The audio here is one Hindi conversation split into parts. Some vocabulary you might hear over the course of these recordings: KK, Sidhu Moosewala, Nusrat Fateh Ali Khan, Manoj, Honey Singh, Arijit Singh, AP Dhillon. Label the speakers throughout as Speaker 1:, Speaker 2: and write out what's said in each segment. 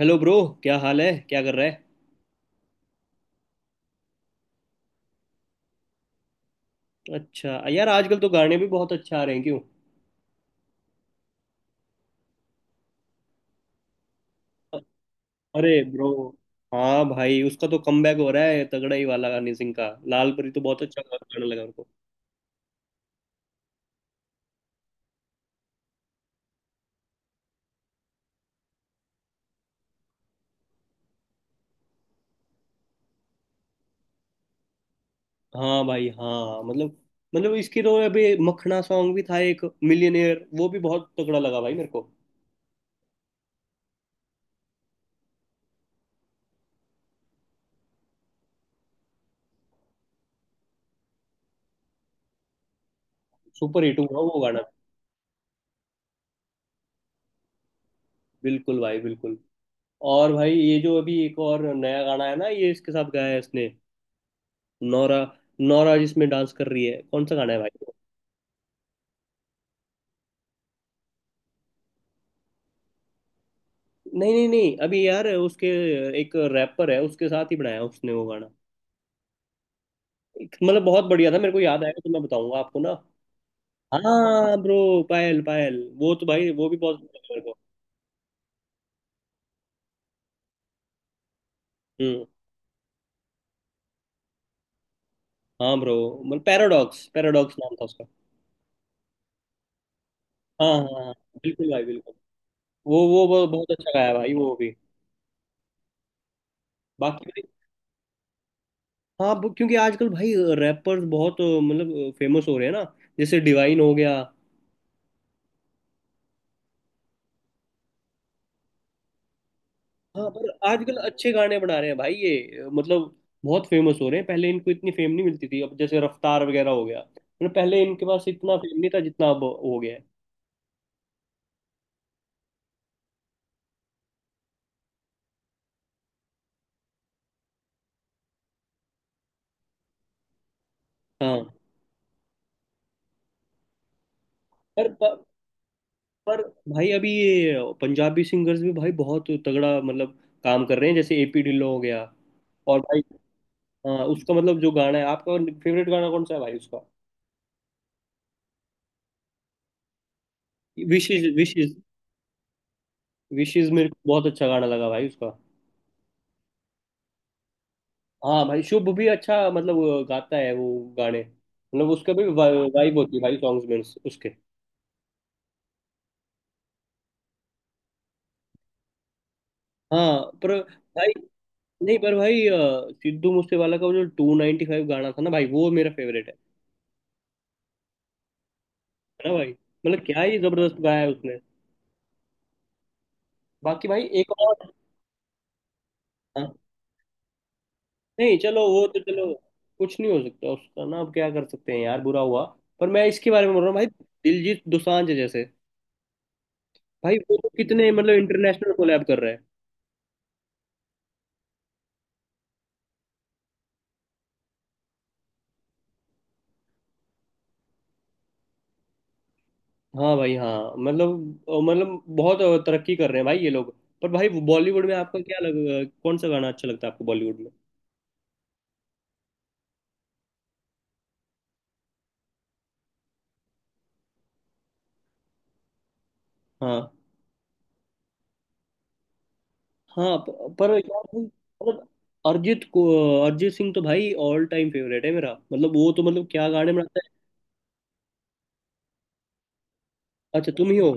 Speaker 1: Hello bro. क्या हाल है, क्या कर रहा है? अच्छा यार, आजकल तो गाने भी बहुत अच्छा आ रहे हैं क्यों? अरे ब्रो। हाँ भाई, उसका तो कमबैक हो रहा है तगड़ा ही वाला। हनी सिंह का लाल परी तो बहुत अच्छा गाना लगा उनको। हाँ भाई, हाँ। मतलब इसकी तो अभी मखना सॉन्ग भी था, एक मिलियनेयर, वो भी बहुत तगड़ा लगा भाई मेरे को। सुपर हिट हुआ वो गाना। बिल्कुल भाई, बिल्कुल। और भाई, ये जो अभी एक और नया गाना है ना, ये इसके साथ गाया है इसने। नौरा, नौरा जिसमें डांस कर रही है, कौन सा गाना है भाई? नहीं नहीं नहीं, अभी यार उसके एक रैपर है, उसके साथ ही बनाया उसने वो गाना। मतलब बहुत बढ़िया था, मेरे को याद आएगा तो मैं बताऊंगा आपको ना। हाँ ब्रो। पायल पायल, वो तो भाई वो भी बहुत बढ़िया मेरे को। हम्म। हाँ ब्रो। मतलब पैराडॉक्स पैराडॉक्स नाम था उसका। हाँ हाँ हाँ, बिल्कुल भाई, बिल्कुल। वो बहुत अच्छा गाया भाई वो भी। बाकी भी- हाँ, क्योंकि आजकल भाई रैपर्स बहुत, मतलब, फेमस हो रहे हैं ना, जैसे डिवाइन हो गया। हाँ, पर आजकल अच्छे गाने बना रहे हैं भाई ये, मतलब बहुत फेमस हो रहे हैं। पहले इनको इतनी फेम नहीं मिलती थी, अब जैसे रफ्तार वगैरह हो गया, मतलब पहले इनके पास इतना फेम नहीं था जितना अब हो गया है। हाँ। पर पर, पर भाई अभी ये पंजाबी सिंगर्स भी भाई बहुत तगड़ा, मतलब काम कर रहे हैं, जैसे एपी ढिल्लो हो गया, और भाई। हाँ, उसका मतलब जो गाना है आपका फेवरेट गाना, कौन सा है भाई उसका? विशेष विशेष विशेष मेरे को बहुत अच्छा गाना लगा भाई उसका। हाँ भाई, शुभ भी अच्छा। मतलब वो गाता है वो गाने, मतलब उसका भी वाइब होती है भाई सॉन्ग्स में उसके। हाँ पर भाई, नहीं पर भाई, सिद्धू मूसेवाला का वो जो 295 गाना था ना भाई, वो मेरा फेवरेट है। है ना भाई? मतलब क्या ही जबरदस्त गाया है उसने। बाकी भाई एक और। हाँ नहीं चलो, वो तो चलो कुछ नहीं हो सकता उसका ना, अब क्या कर सकते हैं यार, बुरा हुआ। पर मैं इसके बारे में बोल रहा हूँ भाई, दिलजीत दोसांझ जैसे। भाई वो तो कितने, मतलब इंटरनेशनल कोलैब कर रहे हैं। हाँ भाई, हाँ मतलब, मतलब बहुत तरक्की कर रहे हैं भाई ये लोग। पर भाई बॉलीवुड में आपका क्या लग, कौन सा गाना अच्छा लगता है आपको बॉलीवुड में? हाँ हाँ, पर यार भाई मतलब अरिजीत को, अरिजीत सिंह तो भाई ऑल टाइम फेवरेट है मेरा। मतलब वो तो, मतलब क्या गाने बनाता है। अच्छा, तुम ही हो।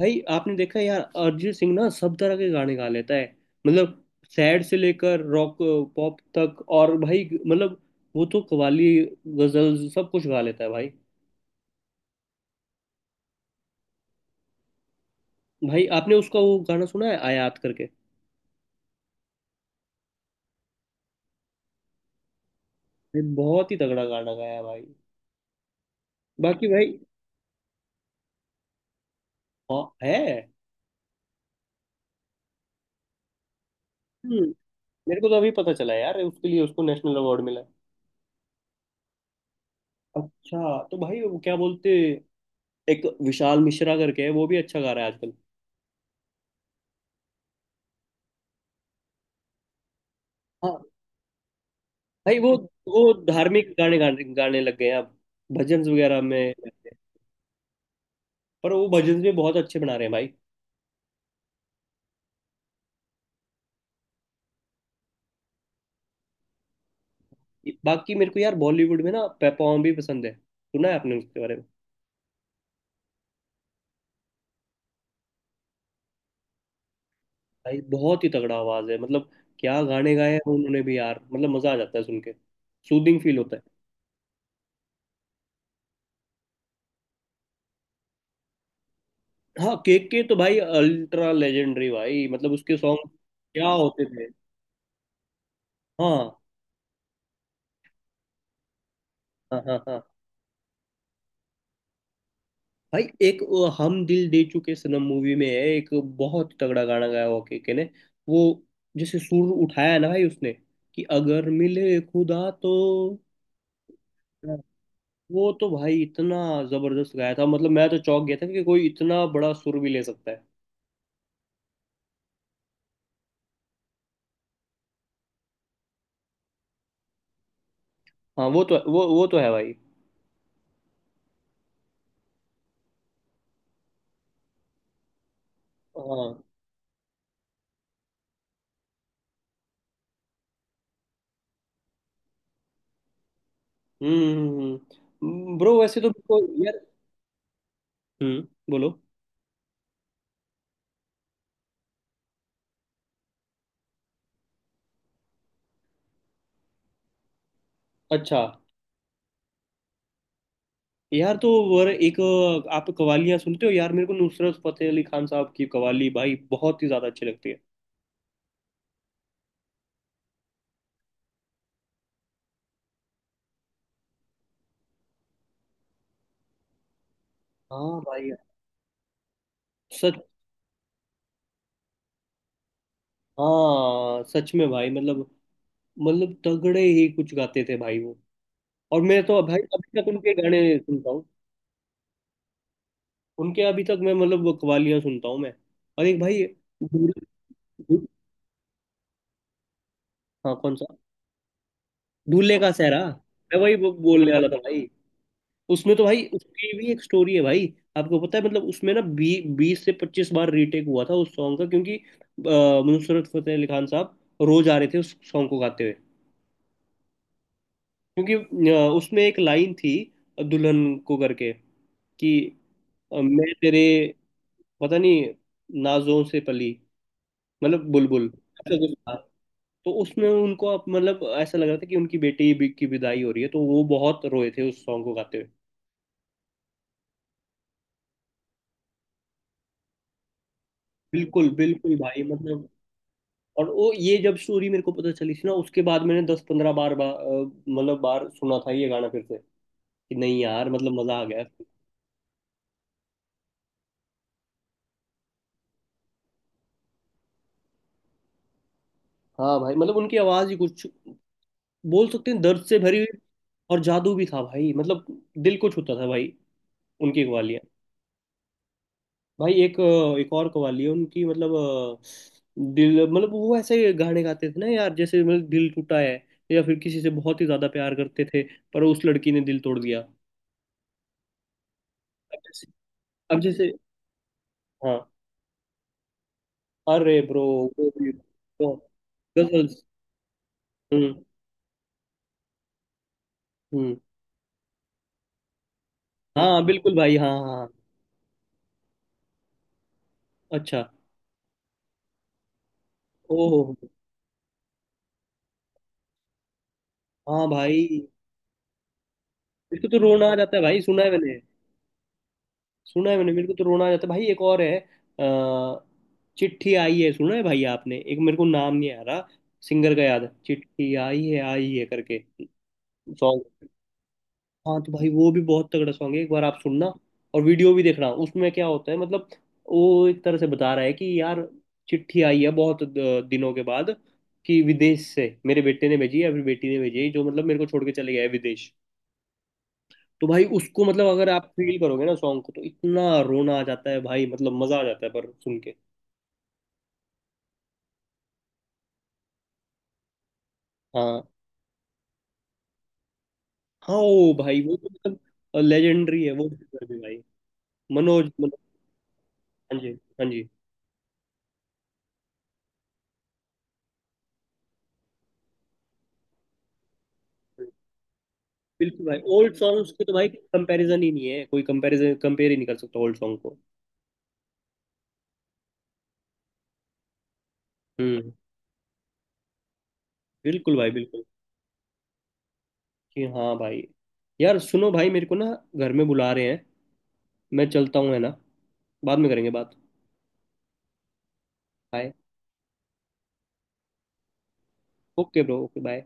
Speaker 1: भाई आपने देखा है यार, अरिजीत सिंह ना सब तरह के गाने गा लेता है। मतलब सैड से लेकर रॉक, पॉप तक, और भाई मतलब वो तो कव्वाली, गजल सब कुछ गा लेता है भाई। भाई आपने उसका वो गाना सुना है, आयात करके? भाई बहुत ही तगड़ा गाना गाया है भाई। बाकी भाई। हाँ है। हम्म मेरे को तो अभी पता चला यार उसके लिए उसको नेशनल अवार्ड मिला है। अच्छा, तो भाई वो क्या बोलते, एक विशाल मिश्रा करके है, वो भी अच्छा गा रहा है आजकल। हाँ भाई वो धार्मिक गाने गाने गाने लग गए हैं अब, भजन वगैरह में। पर वो भजन भी बहुत अच्छे बना रहे हैं भाई। बाकी मेरे को यार बॉलीवुड में ना पेपॉम भी पसंद है, सुना है आपने उसके बारे में? भाई बहुत ही तगड़ा आवाज है, मतलब क्या गाने गाए हैं उन्होंने भी यार, मतलब मजा आ जाता है सुन के। सूदिंग फील होता है। हाँ, केक के तो भाई अल्ट्रा लेजेंडरी भाई, मतलब उसके सॉन्ग क्या होते थे। हाँ हाँ हाँ। हाँ भाई, एक वो हम दिल दे चुके सनम मूवी में है एक बहुत तगड़ा गाना गाया हुआ केके ने। वो जैसे सुर उठाया है ना भाई उसने, कि अगर मिले खुदा तो। वो तो भाई इतना जबरदस्त गाया था, मतलब मैं तो चौंक गया था कि कोई इतना बड़ा सुर भी ले सकता है। हाँ वो तो, वो तो है भाई। हाँ, ब्रो, वैसे तो मेरे को यार, हम्म, बोलो। अच्छा यार, तो वर एक, आप कवालियां सुनते हो यार? मेरे को नुसरत फतेह अली खान साहब की कवाली भाई बहुत ही ज्यादा अच्छी लगती है। हाँ भाई, सच। हाँ सच में भाई मतलब, तगड़े ही कुछ गाते थे भाई वो। और मैं तो भाई अभी तक उनके गाने सुनता हूँ। उनके अभी तक मैं, मतलब वो कवालियां सुनता हूँ मैं। और एक भाई, दूर- दूर- हाँ, कौन सा? दूल्हे का सहरा। मैं वही बोलने वाला था भाई। उसमें तो भाई उसकी भी एक स्टोरी है भाई। आपको पता है? मतलब उसमें ना, 20 से 25 बार रीटेक हुआ था उस सॉन्ग का, क्योंकि नुसरत फतेह अली खान साहब रोज आ रहे थे उस सॉन्ग को गाते हुए। क्योंकि उसमें एक लाइन थी, दुल्हन को करके कि, मैं तेरे, पता नहीं, नाजों से पली, मतलब बुलबुल, ऐसा कुछ था। तो उसमें उनको मतलब ऐसा लग रहा था कि उनकी बेटी की विदाई हो रही है, तो वो बहुत रोए थे उस सॉन्ग को गाते हुए। बिल्कुल बिल्कुल भाई, मतलब। और वो, ये जब स्टोरी मेरे को पता चली थी ना, उसके बाद मैंने 10 15 बार मतलब बार सुना था ये गाना फिर से कि नहीं यार, मतलब मजा आ गया। हाँ भाई, मतलब उनकी आवाज ही कुछ बोल सकते हैं, दर्द से भरी हुई। और जादू भी था भाई, मतलब दिल को छूता था भाई उनकी कवालियाँ। भाई एक एक और कवाली है उनकी, मतलब दिल, मतलब वो ऐसे गाने गाते थे ना यार, जैसे मतलब दिल टूटा है, या फिर किसी से बहुत ही ज्यादा प्यार करते थे पर उस लड़की ने दिल तोड़ दिया। अब जैसे अब जैसे, हाँ, अरे ब्रो वो भी तो गजल्स। हम्म, हम्म, हाँ बिल्कुल भाई, हाँ हाँ हाँ। अच्छा। ओहो। हाँ भाई, मेरे को तो रोना आ जाता है भाई। सुना है मैंने, सुना है मैंने, मेरे को तो रोना आ जाता है भाई। एक और है, अ, चिट्ठी आई है, सुना है भाई आपने? एक, मेरे को नाम नहीं आ रहा सिंगर का, याद है चिट्ठी आई है करके सॉन्ग। हाँ तो भाई वो भी बहुत तगड़ा सॉन्ग है, एक बार आप सुनना और वीडियो भी देखना उसमें क्या होता है। मतलब वो एक तरह से बता रहा है कि यार, चिट्ठी आई है बहुत दिनों के बाद कि विदेश से मेरे बेटे ने भेजी है, फिर बेटी ने भेजी है जो मतलब मेरे को छोड़ के चले गया है विदेश। तो भाई उसको, मतलब अगर आप फील करोगे ना सॉन्ग को तो इतना रोना आ जाता है भाई, मतलब मजा आ जाता है पर सुन के। हाँ हाँ ओ भाई, वो तो मतलब लेजेंडरी है वो सिंगर भी भाई। मनोज मनोज। हाँ जी, हाँ जी। बिल्कुल भाई, ओल्ड सॉन्ग्स के तो भाई कंपैरिजन ही नहीं है, कोई कंपैरिजन कंपेयर ही नहीं कर सकता ओल्ड सॉन्ग को। हम्म। बिल्कुल भाई, बिल्कुल। कि हाँ भाई, यार सुनो भाई, मेरे को ना घर में बुला रहे हैं, मैं चलता हूँ, है ना? बाद में करेंगे बात। Bye. Okay bro, okay bye.